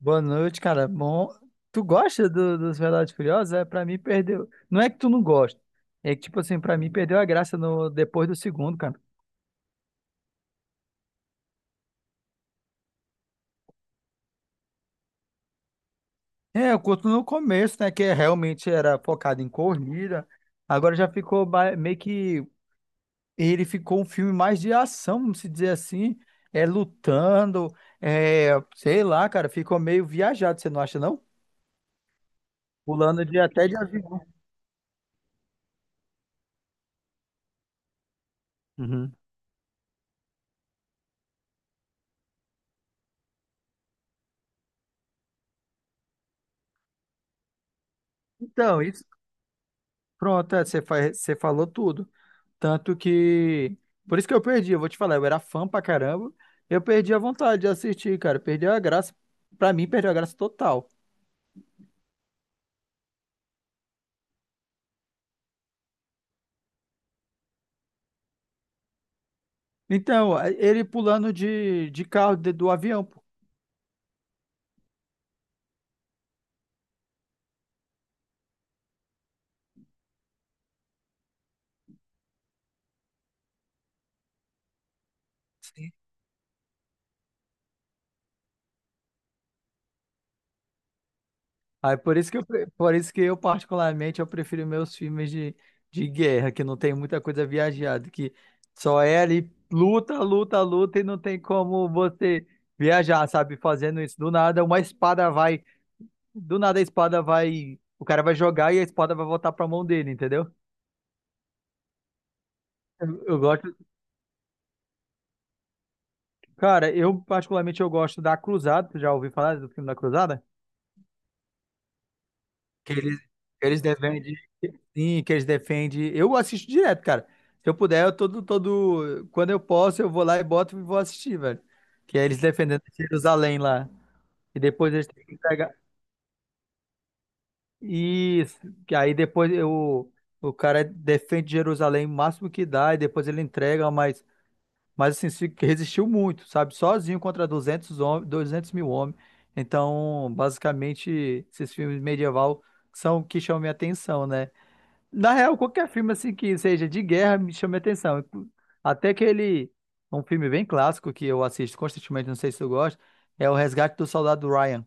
Boa noite, cara. Bom, tu gosta dos Velozes e Furiosos? É, pra mim perdeu. Não é que tu não gosta. É que, tipo assim, pra mim perdeu a graça no depois do segundo, cara. É, eu curto no começo, né? Que realmente era focado em corrida. Agora já ficou meio que. Ele ficou um filme mais de ação, vamos se dizer assim. É lutando. É, sei lá, cara. Ficou meio viajado, você não acha, não? Pulando de até de avião. Uhum. Então, isso. Pronto, é, você falou tudo. Tanto que. Por isso que eu perdi, eu vou te falar, eu era fã pra caramba. Eu perdi a vontade de assistir, cara. Perdeu a graça. Pra mim, perdeu a graça total. Então, ele pulando de carro do avião, pô. Sim. Aí por isso que eu, por isso que eu, particularmente, eu prefiro meus filmes de guerra, que não tem muita coisa viajada, que só é ali luta, luta, luta, e não tem como você viajar, sabe? Fazendo isso do nada, uma espada vai. Do nada a espada vai. O cara vai jogar e a espada vai voltar pra mão dele, entendeu? Eu gosto. Cara, eu particularmente eu gosto da Cruzada. Tu já ouviu falar do filme da Cruzada? Que eles, eles defendem. Sim, que eles defendem. Eu assisto direto, cara. Se eu puder, eu todo, todo. Quando eu posso, eu vou lá e boto e vou assistir, velho. Que é eles defendendo Jerusalém lá. E depois eles têm que pegar. Isso. Que aí depois eu, o cara defende Jerusalém o máximo que dá, e depois ele entrega, mas. Mas assim, resistiu muito, sabe? Sozinho contra 200 homens, 200 mil homens. Então, basicamente, esses filmes medieval são o que chamam minha atenção, né? Na real, qualquer filme assim que seja de guerra me chama minha atenção. Inclu- Até aquele, um filme bem clássico que eu assisto constantemente, não sei se tu gosta, é O Resgate do Soldado Ryan.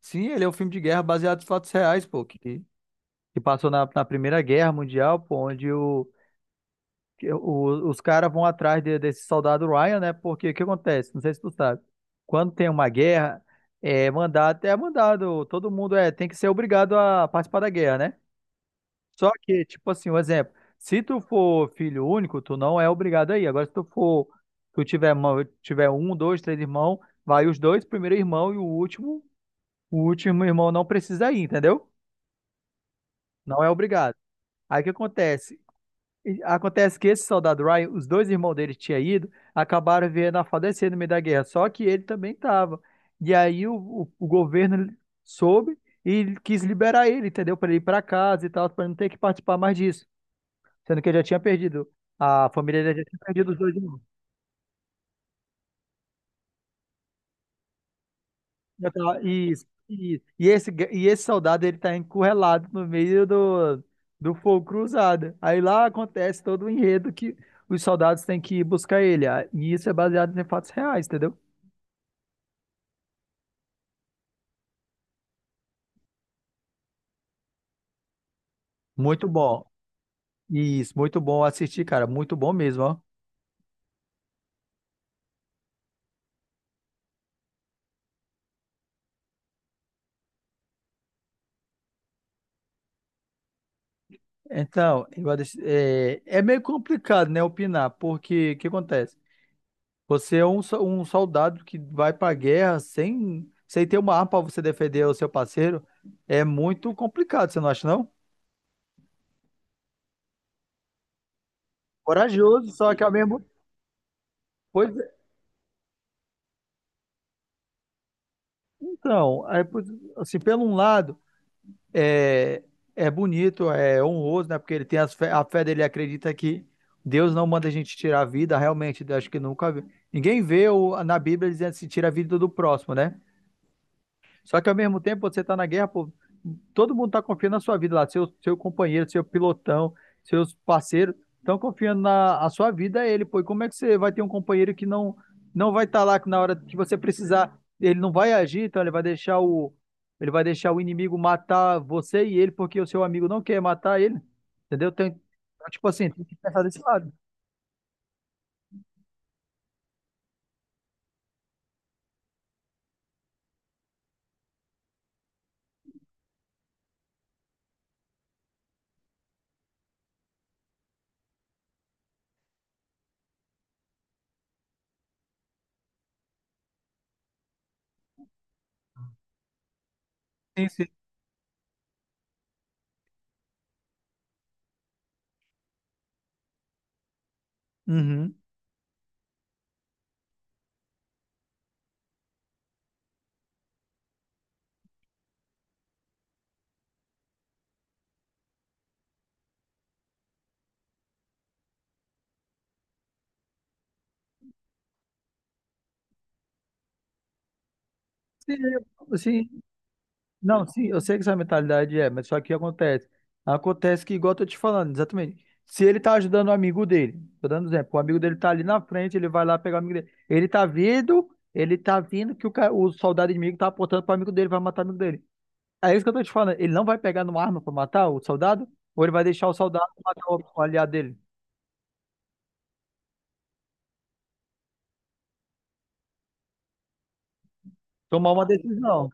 Sim, ele é um filme de guerra baseado em fatos reais, pô, que passou na Primeira Guerra Mundial, pô, onde os caras vão atrás desse soldado Ryan, né? Porque o que acontece? Não sei se tu sabe. Quando tem uma guerra, é mandado, todo mundo é, tem que ser obrigado a participar da guerra, né? Só que, tipo assim, um exemplo, se tu for filho único, tu não é obrigado aí. Agora, se tu for, tu tiver, tiver um, dois, três irmãos, vai os dois, primeiro irmão e o último irmão não precisa ir, entendeu? Não é obrigado. Aí o que acontece? E acontece que esse soldado Ryan, os dois irmãos dele tinham ido, acabaram vendo a falecer no meio da guerra, só que ele também estava. E aí o governo soube e quis liberar ele, entendeu? Para ele ir para casa e tal, para não ter que participar mais disso, sendo que ele já tinha perdido, a família dele já tinha perdido os dois irmãos. Já tá- isso, isso. E esse soldado ele tá encurralado no meio do, do fogo cruzado. Aí lá acontece todo o enredo que os soldados têm que ir buscar ele. Ah, e isso é baseado em fatos reais, entendeu? Muito bom. Isso, muito bom assistir, cara. Muito bom mesmo, ó. Então, é, é meio complicado, né, opinar, porque o que acontece? Você é um, um soldado que vai pra guerra sem, sem ter uma arma pra você defender o seu parceiro. É muito complicado, você não acha, não? Corajoso, só que ao mesmo. Pois é, então, aí, pois, assim, pelo um lado, é, é bonito, é honroso, né? Porque ele tem a fé dele, acredita que Deus não manda a gente tirar a vida, realmente, eu acho que nunca vi. Ninguém vê na Bíblia dizendo se tira a vida do próximo, né? Só que ao mesmo tempo você está na guerra, pô, todo mundo está confiando na sua vida lá, seu companheiro, seu pilotão, seus parceiros estão confiando na a sua vida a ele, pô. E como é que você vai ter um companheiro que não vai estar lá que na hora que você precisar, ele não vai agir, então ele vai deixar o inimigo matar você e ele porque o seu amigo não quer matar ele, entendeu? Tem, então, tipo assim, tem que pensar desse lado. Sim, sim. Uhum. Sim, eu- sim, não, sim, eu sei que essa mentalidade é, mas só que acontece. Acontece que, igual eu tô te falando, exatamente. Se ele tá ajudando o amigo dele, tô dando um exemplo, o amigo dele tá ali na frente, ele vai lá pegar o amigo dele. Ele tá vindo que o soldado inimigo tá apontando pro amigo dele, vai matar o amigo dele. É isso que eu tô te falando. Ele não vai pegar numa arma pra matar o soldado? Ou ele vai deixar o soldado matar o aliado dele? Tomar uma decisão.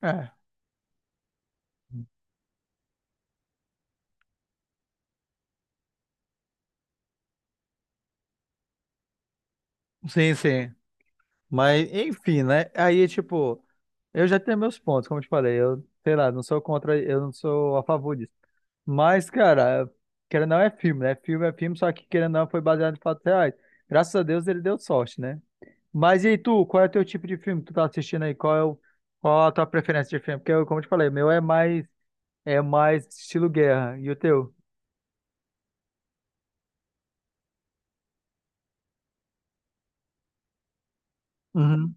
É. Sim, sim. Mas, enfim, né? Aí, tipo, eu já tenho meus pontos, como eu te falei. Eu, sei lá, não sou contra, eu não sou a favor disso. Mas, cara, querendo ou não é filme, né? Filme é filme, só que querendo ou não foi baseado em fatos reais. Graças a Deus ele deu sorte, né? Mas e aí, tu, qual é o teu tipo de filme que tu tá assistindo aí? Qual é o, qual a tua preferência de filme? Porque, eu, como eu te falei, o meu é mais estilo guerra. E o teu? Uhum.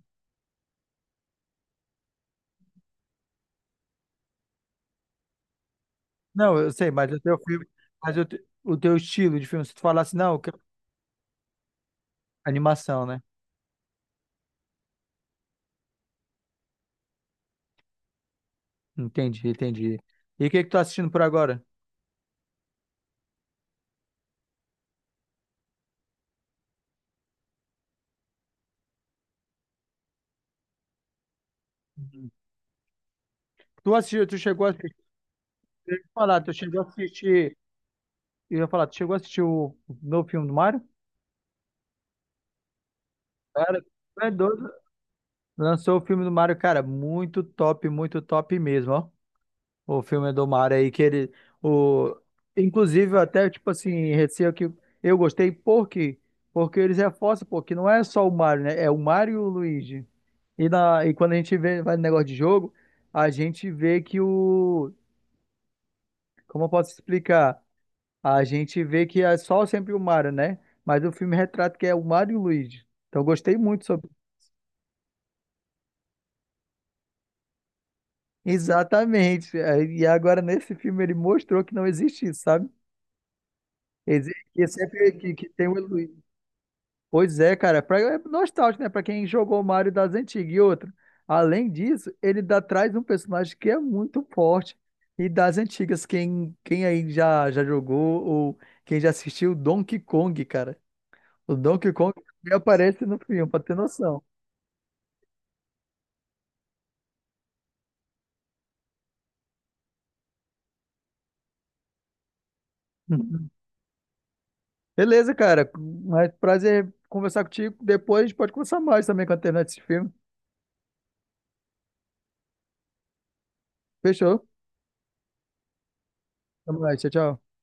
Não, eu sei, mas o teu filme, mas o teu estilo de filme, se tu falasse, não, eu quero animação, né? Entendi, entendi. E o que que tu tá assistindo por agora? Tu chegou a assistir, eu ia falar, tu chegou a assistir, eu ia falar, tu chegou a assistir o novo filme do Mario? Cara, tu é doido. Lançou o filme do Mario, cara, muito top mesmo, ó. O filme do Mario aí, que ele, o, inclusive eu até, tipo assim, receio que eu gostei, por quê? Porque eles reforçam, porque não é só o Mario, né? É o Mario e o Luigi. E quando a gente vê, vai no negócio de jogo, a gente vê que o como eu posso explicar? A gente vê que é só sempre o Mario, né? Mas o filme retrata que é o Mario e o Luigi. Então eu gostei muito sobre. Exatamente. É, e agora nesse filme ele mostrou que não existe isso, sabe? Existe que é sempre que tem o Luigi. Pois é, cara. Pra, é nostálgico, né? Pra quem jogou o Mario das antigas e outro. Além disso, ele dá, traz um personagem que é muito forte. E das antigas, quem, quem aí já, já jogou ou quem já assistiu Donkey Kong, cara. O Donkey Kong também aparece no filme, pra ter noção. Beleza, cara. Mas prazer conversar contigo. Depois a gente pode conversar mais também com a internet desse filme. Fechou? Tamo mais. Tchau, tchau.